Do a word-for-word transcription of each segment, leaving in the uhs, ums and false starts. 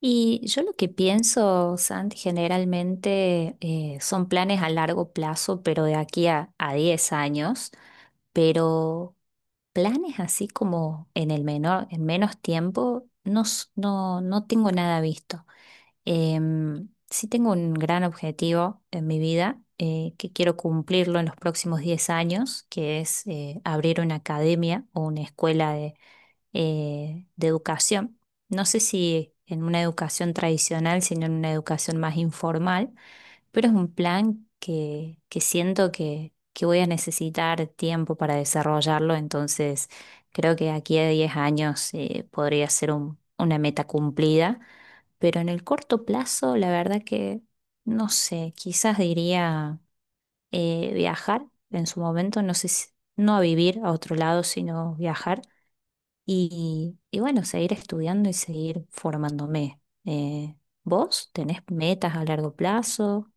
Y yo lo que pienso, Santi, generalmente eh, son planes a largo plazo, pero de aquí a, a diez años, pero planes así como en el menor, en menos tiempo, no, s- no no tengo nada visto. Em, sí tengo un gran objetivo en mi vida eh, que quiero cumplirlo en los próximos diez años, que es eh, abrir una academia o una escuela eh, de educación. No sé si en una educación tradicional, sino en una educación más informal, pero es un plan que, que siento que, que voy a necesitar tiempo para desarrollarlo, entonces creo que aquí a diez años eh, podría ser un- una meta cumplida, pero en el corto plazo, la verdad que no sé, quizás diría eh, viajar en su momento, no sé si... No a vivir a otro lado, sino viajar. Y, y bueno, seguir estudiando y seguir formándome. Eh, ¿vos tenés metas a largo plazo?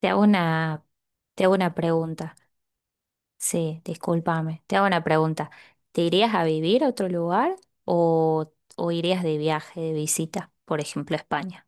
Te hago una, te hago una pregunta. Sí, discúlpame. Te hago una pregunta. ¿Te irías a vivir a otro lugar o, o irías de viaje, de visita, por ejemplo, a España?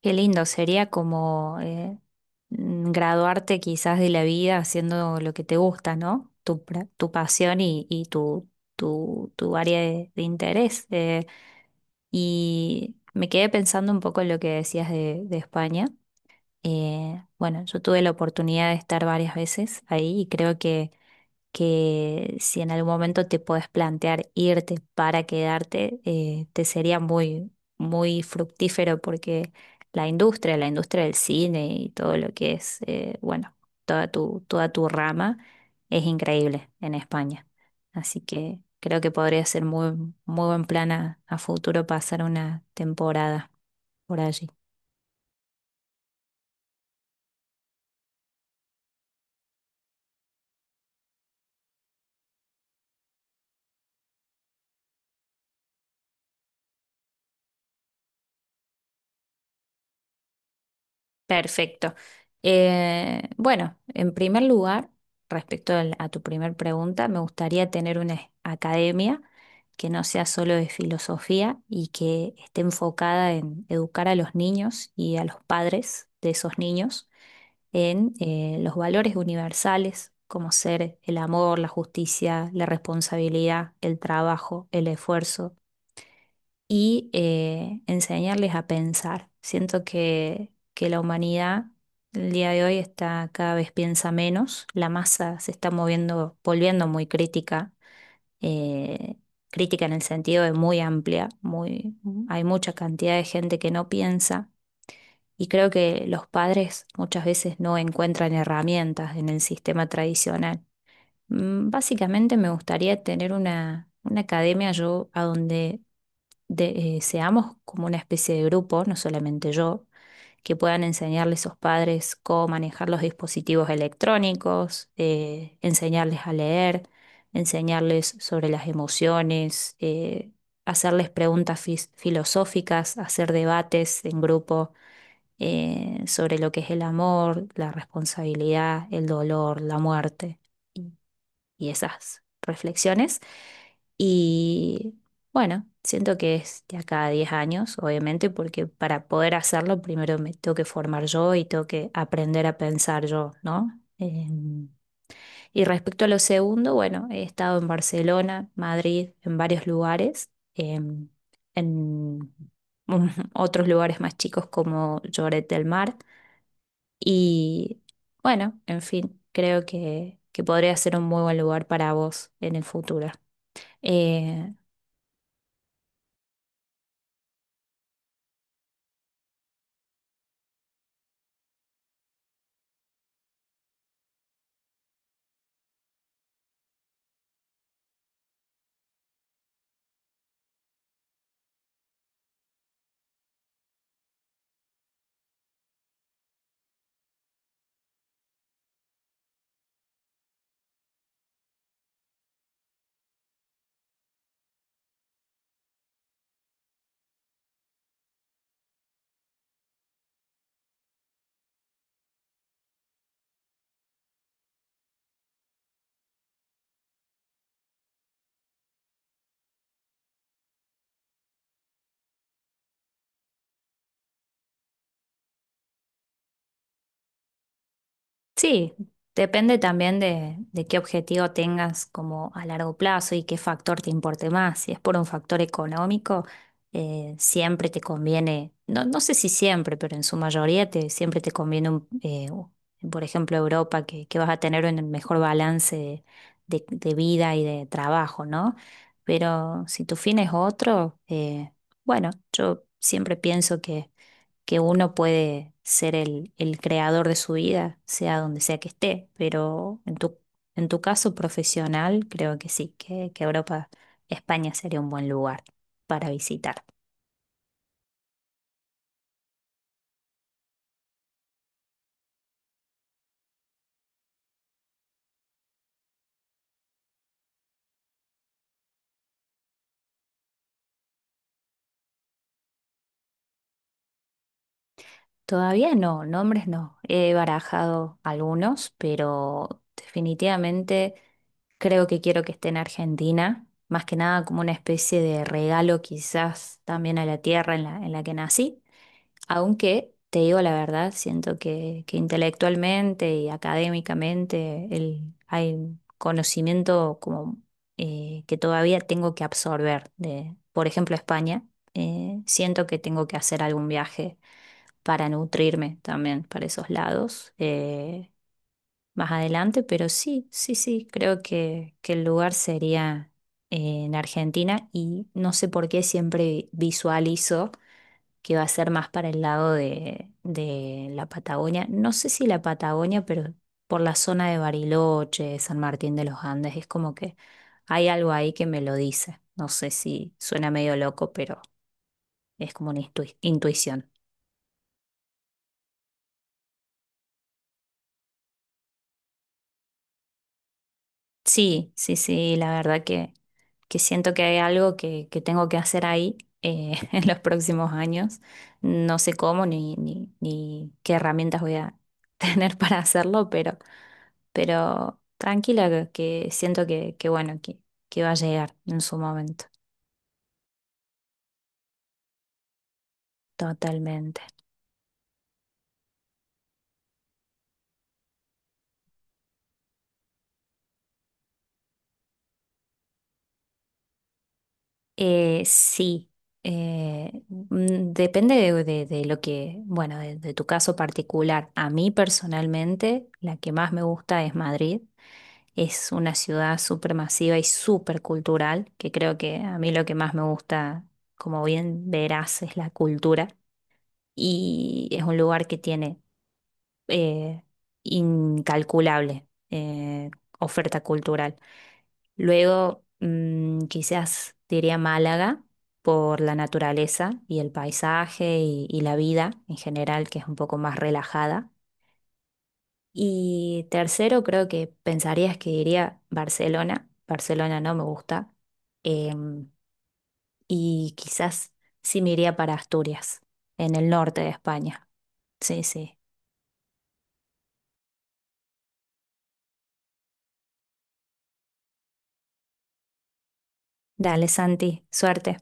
Qué lindo, sería como eh, mm, graduarte quizás de la vida haciendo lo que te gusta, ¿no? Tu, pra- tu pasión y, y tu, tu, tu área de, de interés. Eh, Y me quedé pensando un poco en lo que decías de, de España. Eh, bueno, yo tuve la oportunidad de estar varias veces ahí y creo que, que si en algún momento te podés plantear irte para quedarte, eh, te sería muy, muy fructífero porque la industria, la industria del cine y todo lo que es, eh, bueno, toda tu, toda tu rama es increíble en España. Así que creo que podría ser muy, muy buen plan a, a futuro pasar una temporada por allí. Perfecto. Eh, bueno, en primer lugar, respecto al- a tu primer pregunta, me gustaría tener una es- academia que no sea solo de filosofía y que esté enfocada en educar a los niños y a los padres de esos niños en eh, los valores universales, como ser el amor, la justicia, la responsabilidad, el trabajo, el esfuerzo y eh, enseñarles a pensar. Siento que, que la humanidad el día de hoy está cada vez piensa menos, la masa se está moviendo, volviendo muy crítica, eh, crítica en el sentido de muy amplia, muy, hay mucha cantidad de gente que no piensa. Y creo que los padres muchas veces no encuentran herramientas en el sistema tradicional. Mm, básicamente me gustaría tener una, una academia yo a donde de- eh, seamos como una especie de grupo, no solamente yo, que puedan enseñarle a esos padres cómo manejar los dispositivos electrónicos, eh, enseñarles a leer, enseñarles sobre las emociones, eh, hacerles preguntas fis- filosóficas, hacer debates en grupo eh, sobre lo que es el amor, la responsabilidad, el dolor, la muerte y esas reflexiones. Y bueno, siento que es de acá a diez años, obviamente, porque para poder hacerlo primero me tengo que formar yo y tengo que aprender a pensar yo, ¿no? Em, y respecto a lo segundo, bueno, he estado en Barcelona, Madrid, en varios lugares, em, en un- otros lugares más chicos como Lloret del Mar y bueno, en fin, creo que, que podría ser un muy buen lugar para vos en el futuro. Eh, Sí, depende también de, de qué objetivo tengas como a largo plazo y qué factor te importe más. Si es por un factor económico, eh, siempre te conviene, no, no sé si siempre, pero en su mayoría te, siempre te conviene, un, eh, u- por ejemplo, Europa, que, que vas a tener un mejor balance de, de- de vida y de trabajo, ¿no? Pero si tu fin es otro, eh, bueno, yo siempre pienso que que uno puede ser el, el creador de su vida, sea donde sea que esté, pero en tu, en tu caso profesional, creo que sí, que, que Europa, España sería un buen lugar para visitar. Todavía no, nombres no. He barajado algunos, pero definitivamente creo que quiero que esté en Argentina, más que nada como una especie de regalo quizás también a la tierra en la, en la que nací. Aunque te digo la verdad, siento que, que intelectualmente y académicamente el, hay conocimiento como eh, que todavía tengo que absorber de, por ejemplo, España. Eh, siento que tengo que hacer algún viaje para nutrirme también para esos lados eh, más adelante, pero sí, sí, sí, creo que, que el lugar sería eh, en Argentina y no sé por qué siempre visualizo que va a ser más para el lado de, de la Patagonia. No sé si la Patagonia, pero por la zona de Bariloche, San Martín de los Andes, es como que hay algo ahí que me lo dice. No sé si suena medio loco, pero es como una intu- intuición. Sí, sí, sí, la verdad que, que siento que hay algo que, que tengo que hacer ahí eh, en los próximos años. No sé cómo ni, ni, ni qué herramientas voy a tener para hacerlo, pero... pero tranquila que, que siento que, que bueno, que, que va a llegar en su momento, totalmente. Eh, sí, eh, mm, depende de, de- de lo que, bueno, de, de tu caso particular. A mí personalmente, la que más me gusta es Madrid. Es una ciudad súper masiva y súper cultural, que creo que a mí lo que más me gusta, como bien verás, es la cultura. Y es un lugar que tiene eh, incalculable eh, oferta cultural. Luego, mm, quizás diría Málaga por la naturaleza y el paisaje y, y la vida en general, que es un poco más relajada. Y tercero, creo que pensarías que diría Barcelona. Barcelona no me gusta. Em, y quizás sí me iría para Asturias, en el norte de España. Sí, sí. Dale, Santi, suerte.